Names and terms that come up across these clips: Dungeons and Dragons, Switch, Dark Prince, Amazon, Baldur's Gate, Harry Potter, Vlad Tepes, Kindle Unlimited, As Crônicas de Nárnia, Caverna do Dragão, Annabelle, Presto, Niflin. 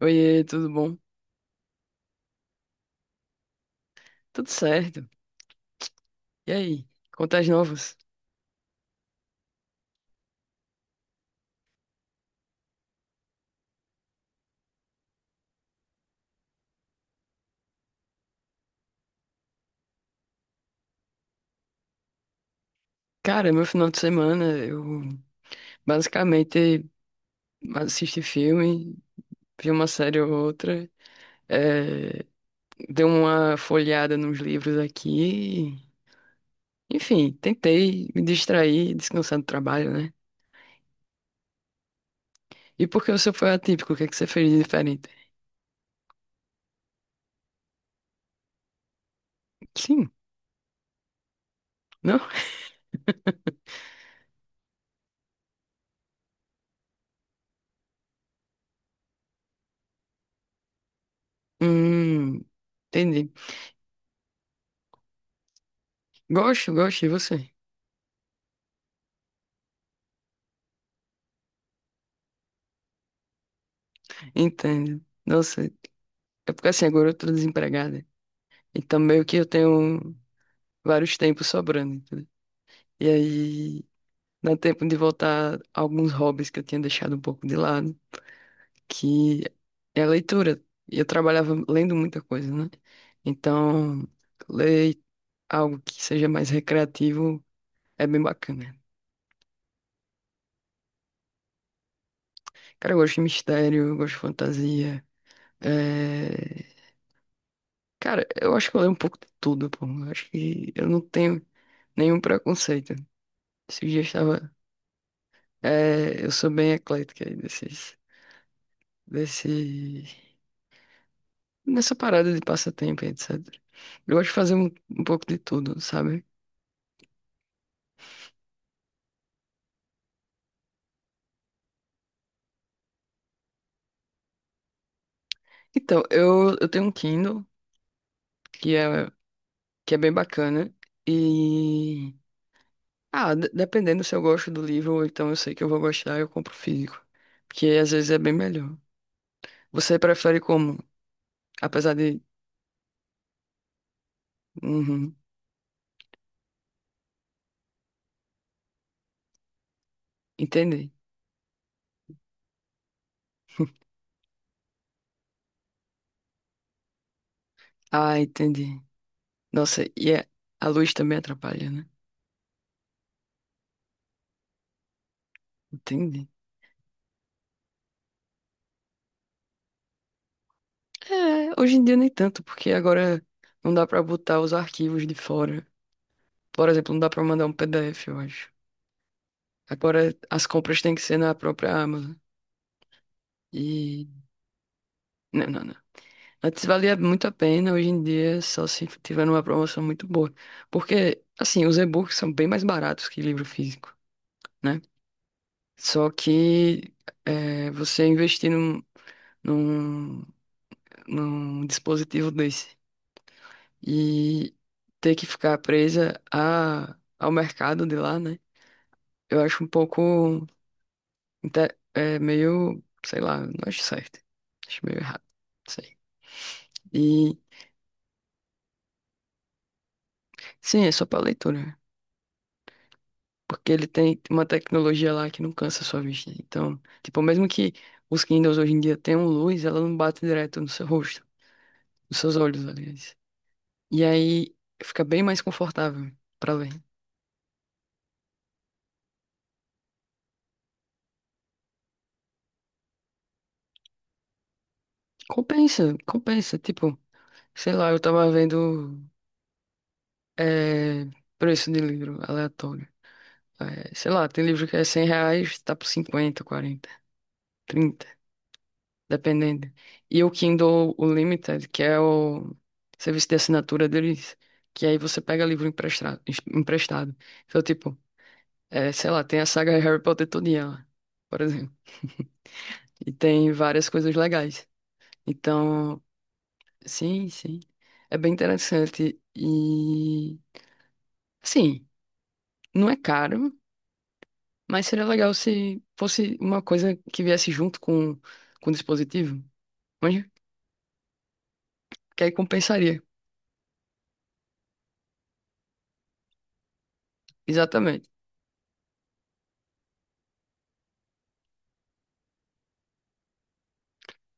Oiê, tudo bom? Tudo certo. E aí, contas novas? Cara, meu final de semana eu basicamente assisti filme, vi uma série ou outra, eh, dei uma folheada nos livros aqui. Enfim, tentei me distrair, descansar do trabalho, né? E porque você foi atípico, o que é que você fez de diferente? Sim, não? Hum, entendi. Gosto, gosto, e você? Entendo. Nossa, é porque assim, agora eu tô desempregada. Então, meio que eu tenho vários tempos sobrando, entendeu? E aí, dá tempo de voltar a alguns hobbies que eu tinha deixado um pouco de lado, que é a leitura. E eu trabalhava lendo muita coisa, né? Então, ler algo que seja mais recreativo é bem bacana. Cara, eu gosto de mistério, eu gosto de fantasia. É... Cara, eu acho que eu leio um pouco de tudo, pô. Eu acho que eu não tenho nenhum preconceito. Esse dia eu estava É, eu sou bem eclética aí desse, nessa parada de passatempo, e etc. Eu gosto de fazer um pouco de tudo, sabe? Então, eu tenho um Kindle que é, que é bem bacana e... Ah, dependendo se eu gosto do livro ou então eu sei que eu vou gostar, eu compro físico. Porque às vezes é bem melhor. Você prefere como? Apesar de... Uhum, entendi. Ah, entendi. Nossa, e a luz também atrapalha, né? Entendi. É, hoje em dia nem tanto, porque agora não dá pra botar os arquivos de fora. Por exemplo, não dá pra mandar um PDF, eu acho. Agora as compras têm que ser na própria Amazon. E. Não, não, não. Antes valia muito a pena, hoje em dia só se tiver uma promoção muito boa. Porque, assim, os e-books são bem mais baratos que livro físico, né? Só que você investir num, num dispositivo desse. E ter que ficar presa ao mercado de lá, né? Eu acho um pouco meio, sei lá, não acho certo. Acho meio errado. Não sei. E sim, é só pra leitura, né? Porque ele tem uma tecnologia lá que não cansa a sua vista. Então, tipo, mesmo que os Kindles hoje em dia tenham luz, ela não bate direto no seu rosto, nos seus olhos, aliás. E aí fica bem mais confortável pra ler. Compensa, compensa. Tipo, sei lá, eu tava vendo. É, preço de livro aleatório. É, sei lá, tem livro que é 100 reais, tá por 50, 40, 30, dependendo. E o Kindle Unlimited, que é o serviço de assinatura deles, que aí você pega livro emprestado. emprestado. Então, tipo, sei lá, tem a saga Harry Potter todinha lá, por exemplo. E tem várias coisas legais. Então, sim, sim. É bem interessante. E, assim, não é caro. Mas seria legal se fosse uma coisa que viesse junto com o dispositivo. Mas que aí compensaria. Exatamente.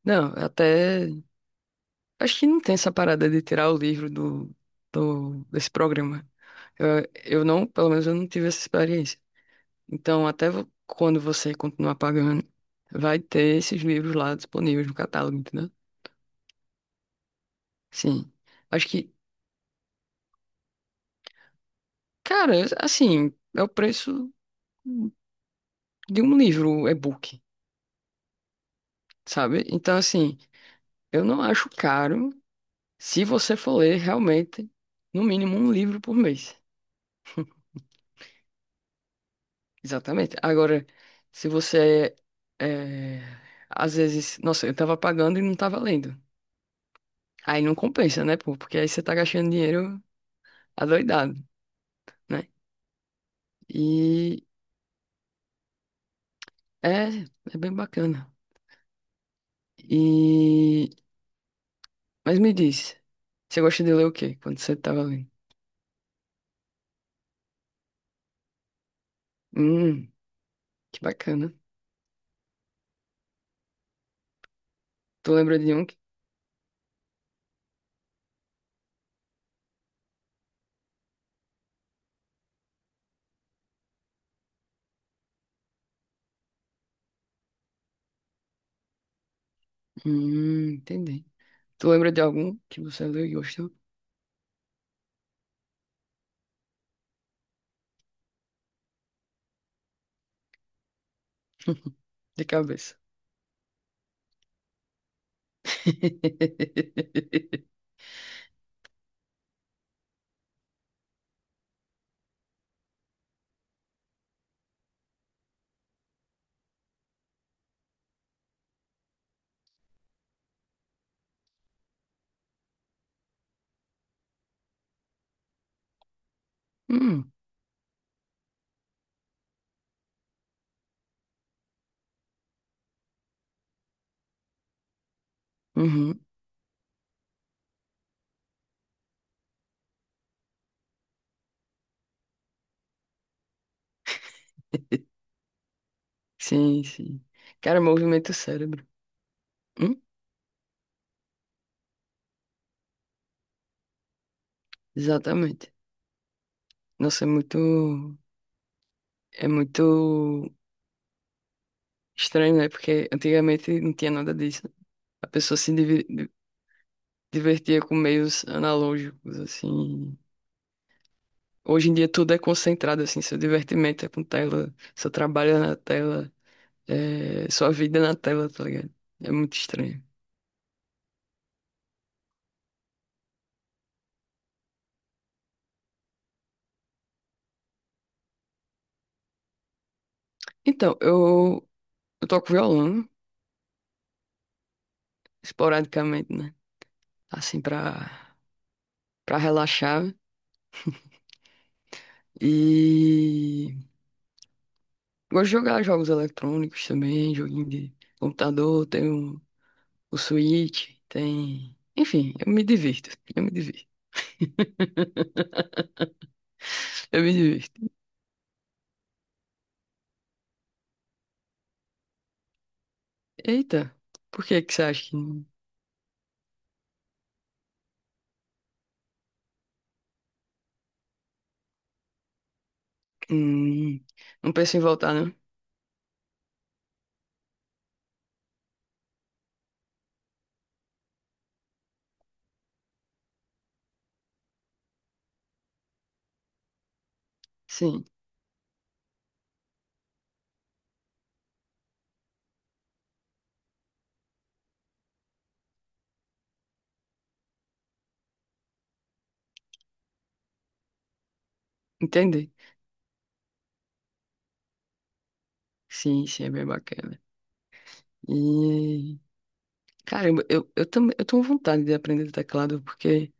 Não, até. Acho que não tem essa parada de tirar o livro desse programa. Eu, eu não, pelo menos eu não tive essa experiência. Então, até quando você continuar pagando, vai ter esses livros lá disponíveis no catálogo, entendeu? Sim. Acho que, cara, assim, é o preço de um livro um e-book, sabe? Então, assim. Eu não acho caro se você for ler realmente, no mínimo, um livro por mês. Exatamente. Agora, se você é, às vezes, nossa, eu tava pagando e não tava lendo. Aí não compensa, né, pô? Porque aí você tá gastando dinheiro adoidado, né? E é, é bem bacana. E mas me diz, você gosta de ler o quê quando você tava lendo? Hum, que bacana. Tu lembra de um que... entendi. Tu lembra de algum que você leu e gostou? De cabeça. Hum, uhum. Sim, sim. Cara, movimento o cérebro. Hum? Exatamente. Nossa, é muito estranho, né? Porque antigamente não tinha nada disso. A pessoa se divertia com meios analógicos, assim. Hoje em dia tudo é concentrado, assim. Seu divertimento é com tela, seu trabalho é na tela, sua vida é na tela, tá ligado? É muito estranho. Então, eu toco violão. Esporadicamente, né? Assim, pra relaxar. E gosto de jogar jogos eletrônicos também, joguinho de computador, tem o Switch, tem. Enfim, eu me divirto. Eu me divirto. Eu me divirto. Eita, por que que você acha que não, hum, não pensa em voltar, não? Sim, entendi. Sim, sim, é bem bacana. E. Caramba, eu também eu tenho vontade de aprender teclado, porque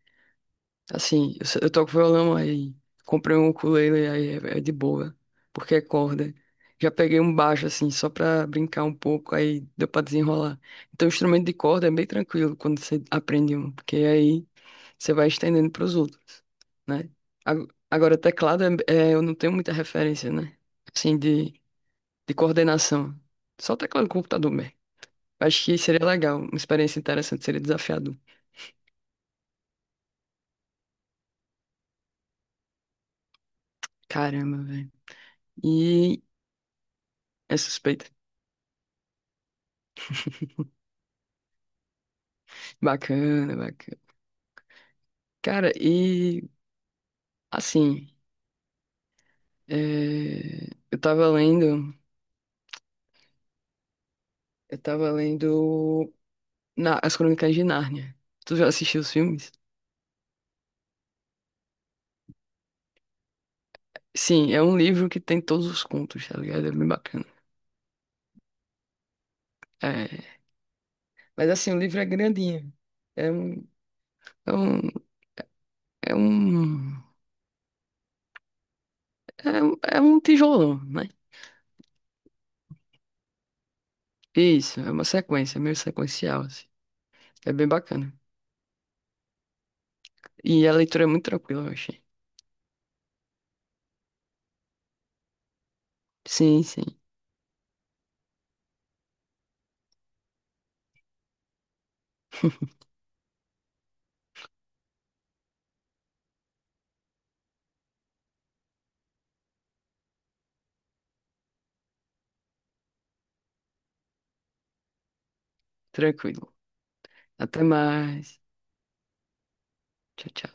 assim, eu toco violão aí, comprei um ukulele aí é de boa, porque é corda. Já peguei um baixo assim, só pra brincar um pouco, aí deu pra desenrolar. Então, o instrumento de corda é bem tranquilo quando você aprende um, porque aí você vai estendendo pros outros, né? Agora, teclado, eu não tenho muita referência, né? Assim, de coordenação. Só teclado do computador mesmo. Acho que seria legal, uma experiência interessante, seria desafiador. Caramba, velho. E é suspeito. Bacana, bacana. Cara, e assim, é, eu tava lendo, eu tava lendo As Crônicas de Nárnia. Tu já assistiu os filmes? Sim, é um livro que tem todos os contos, tá ligado? É bem bacana. É, mas assim, o livro é grandinho. É um, é um, é um, é um, é um tijolão, né? Isso, é uma sequência, meio sequencial, assim. É bem bacana. E a leitura é muito tranquila, eu achei. Sim, sim, tranquilo. Até mais. Tchau, tchau.